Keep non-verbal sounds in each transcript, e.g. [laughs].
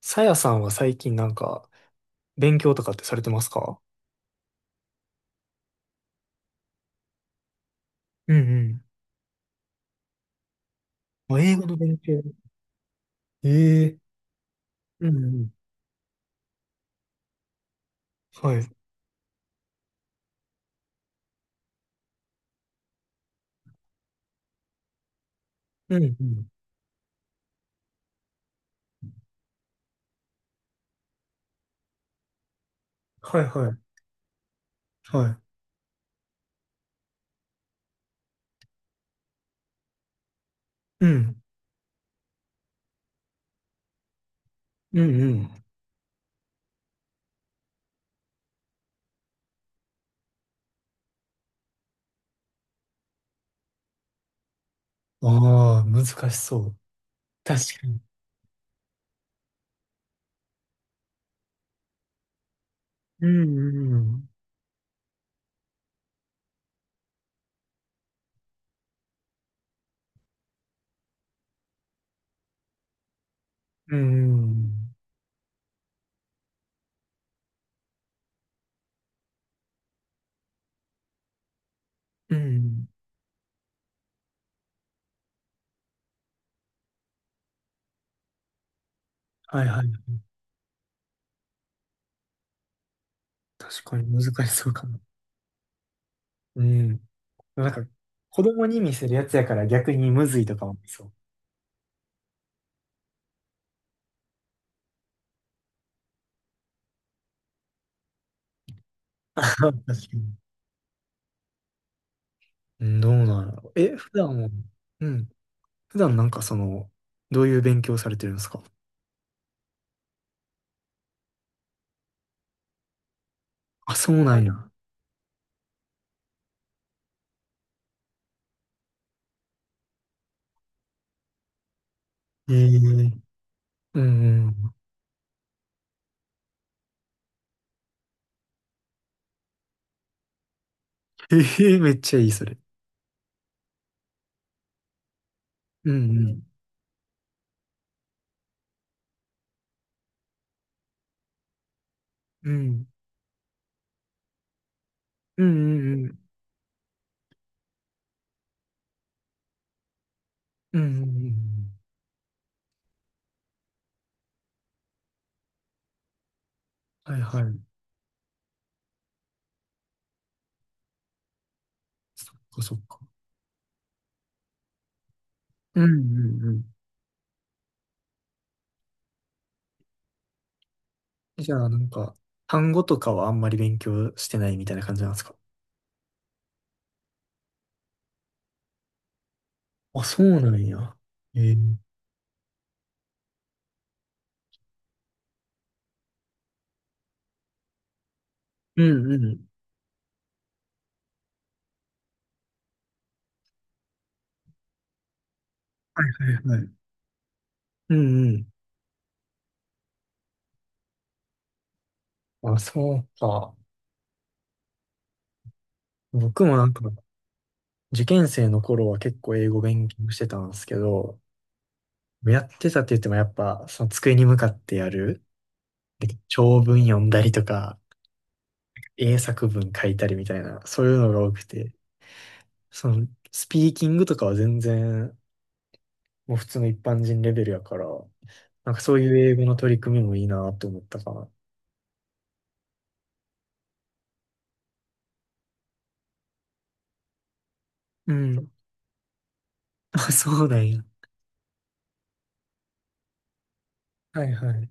さやさんは最近なんか、勉強とかってされてますか？うんうん。あ、英語の勉強。ええ。うんうん。はい。うんうん。はいはい。はい。うん。うんうん。ああ、難しそう。確かに。うんうんうん。うん。うんうん。はいはい。確かに難しそうかも。うん。なんか、子供に見せるやつやから逆にむずいとかもありそう。 [laughs] 確かに。うん。どうなの？え、普段も、うん、普段なんかその、どういう勉強されてるんですか？あ、そうなんや。ええ。うんうん。ええ、めっちゃいい、それ。うんね。うんうんうんうんうん。うんうんうん。はいはい。そっかそっか。うんうんうん。じゃあ、なんか、単語とかはあんまり勉強してないみたいな感じなんですか？あ、そうなんや。ええ。うんうん。はいはい。うんうん。あ、そうか。僕もなんか、受験生の頃は結構英語勉強してたんですけど、やってたって言ってもやっぱ、その机に向かってやる、で長文読んだりとか、英作文書いたりみたいな、そういうのが多くて、その、スピーキングとかは全然、もう普通の一般人レベルやから、なんかそういう英語の取り組みもいいなと思ったかな。うん。あ、そうなんや。はいはい。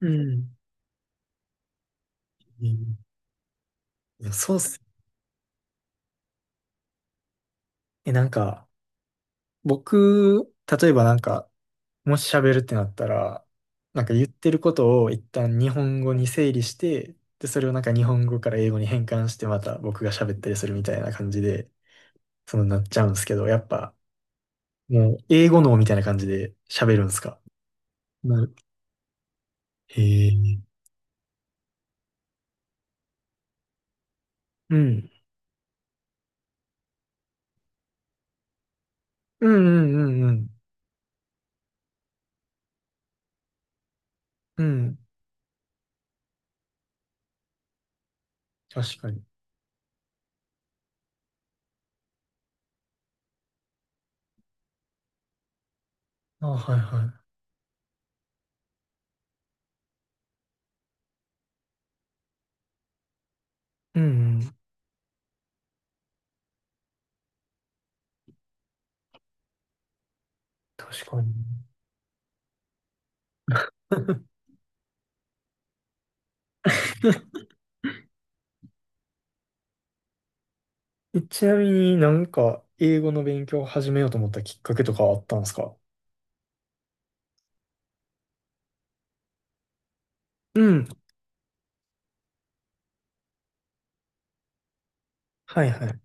うん。うん。いやそうっす。なんか、僕、例えばなんか、もし喋るってなったら、なんか言ってることを一旦日本語に整理して、で、それをなんか日本語から英語に変換してまた僕が喋ったりするみたいな感じで、なっちゃうんですけど、やっぱ、もう英語脳みたいな感じで喋るんですか？なる。へえ。うん。うんうんうんうん。うん。確かに。あ、はいはい。うんうん。確かに。[laughs] ちなみになんか英語の勉強を始めようと思ったきっかけとかはあったんですか？うん。はいはい。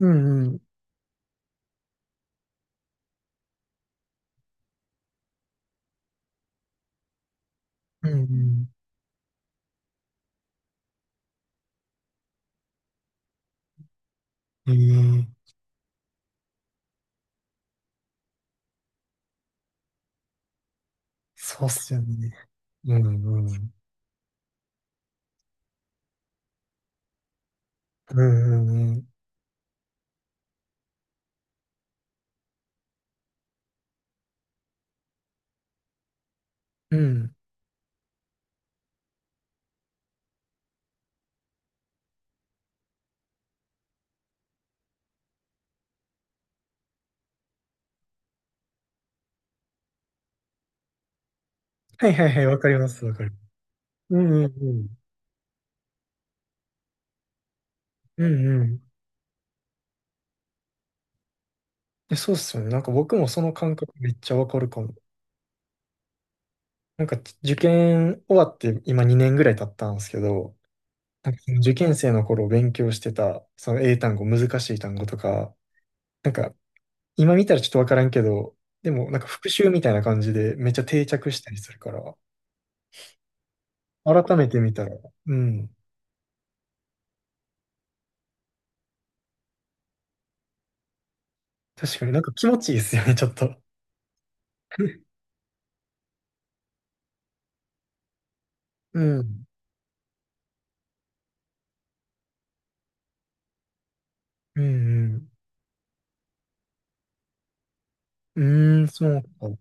うんうん。うんうん。ええ。そうっすよね。うんうん。うんうんうん。うん。はいはいはい、わかります、わかる。うんうんうん。うんうん。そうっすよね。なんか僕もその感覚めっちゃわかるかも。なんか受験終わって今2年ぐらい経ったんですけど、なんかその受験生の頃勉強してた、その英単語、難しい単語とか、なんか今見たらちょっとわからんけど、でもなんか復習みたいな感じでめっちゃ定着したりするから、改めて見たら、うん。確かになんか気持ちいいですよね、[laughs] ちょっと。[laughs] うん。うん、うん。うーん、そうか。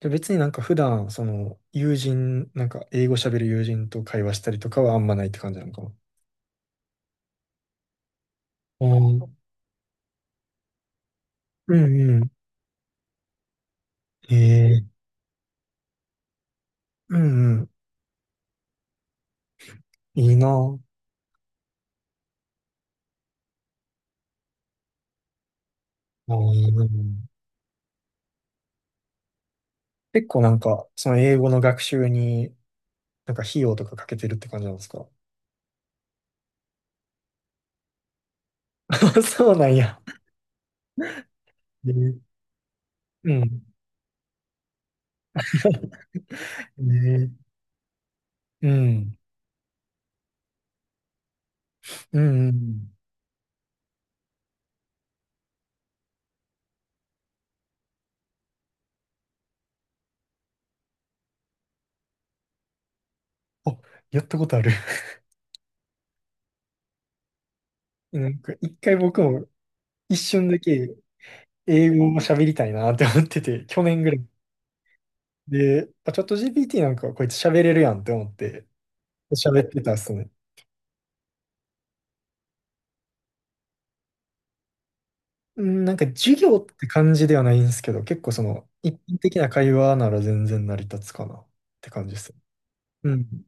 じゃあ別になんか普段、その、友人、なんか英語喋る友人と会話したりとかはあんまないって感じなのかな。あー。うんうん。へえ。うんうん。いいなぁ。あーいいなぁ。結構なんか、その英語の学習に、なんか費用とかかけてるって感じなんですか？ [laughs] そうなんや。ねうん。[laughs] ねうん。うんうん。あ、やったことある。なんか一回僕も一瞬だけ英語を喋りたいなって思ってて、[laughs] 去年ぐらい。で、まあ、チャット GPT なんかこいつ喋れるやんって思って喋ってたっすね。うん。なんか授業って感じではないんですけど、結構その一般的な会話なら全然成り立つかなって感じですね。うん。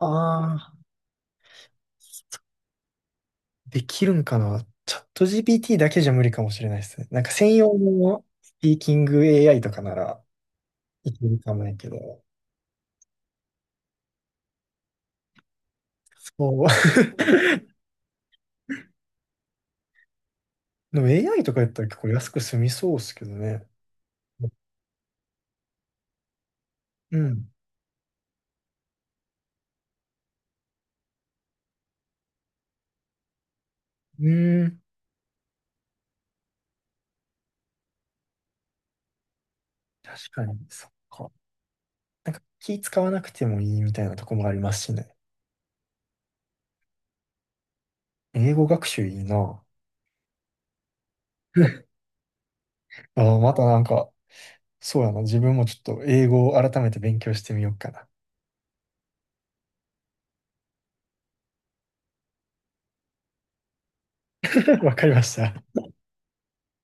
ああ、できるんかな。チャット GPT だけじゃ無理かもしれないですね。なんか専用のスピーキング AI とかならいけるかもやけど、そう。でも AI とかやったら結構安く済みそうですけどね。うん。うん。確かに、そっか。なんか気使わなくてもいいみたいなとこもありますしね。英語学習いいな。[laughs] ああ、またなんか、そうやな。自分もちょっと英語を改めて勉強してみようかな。[laughs] わかりました。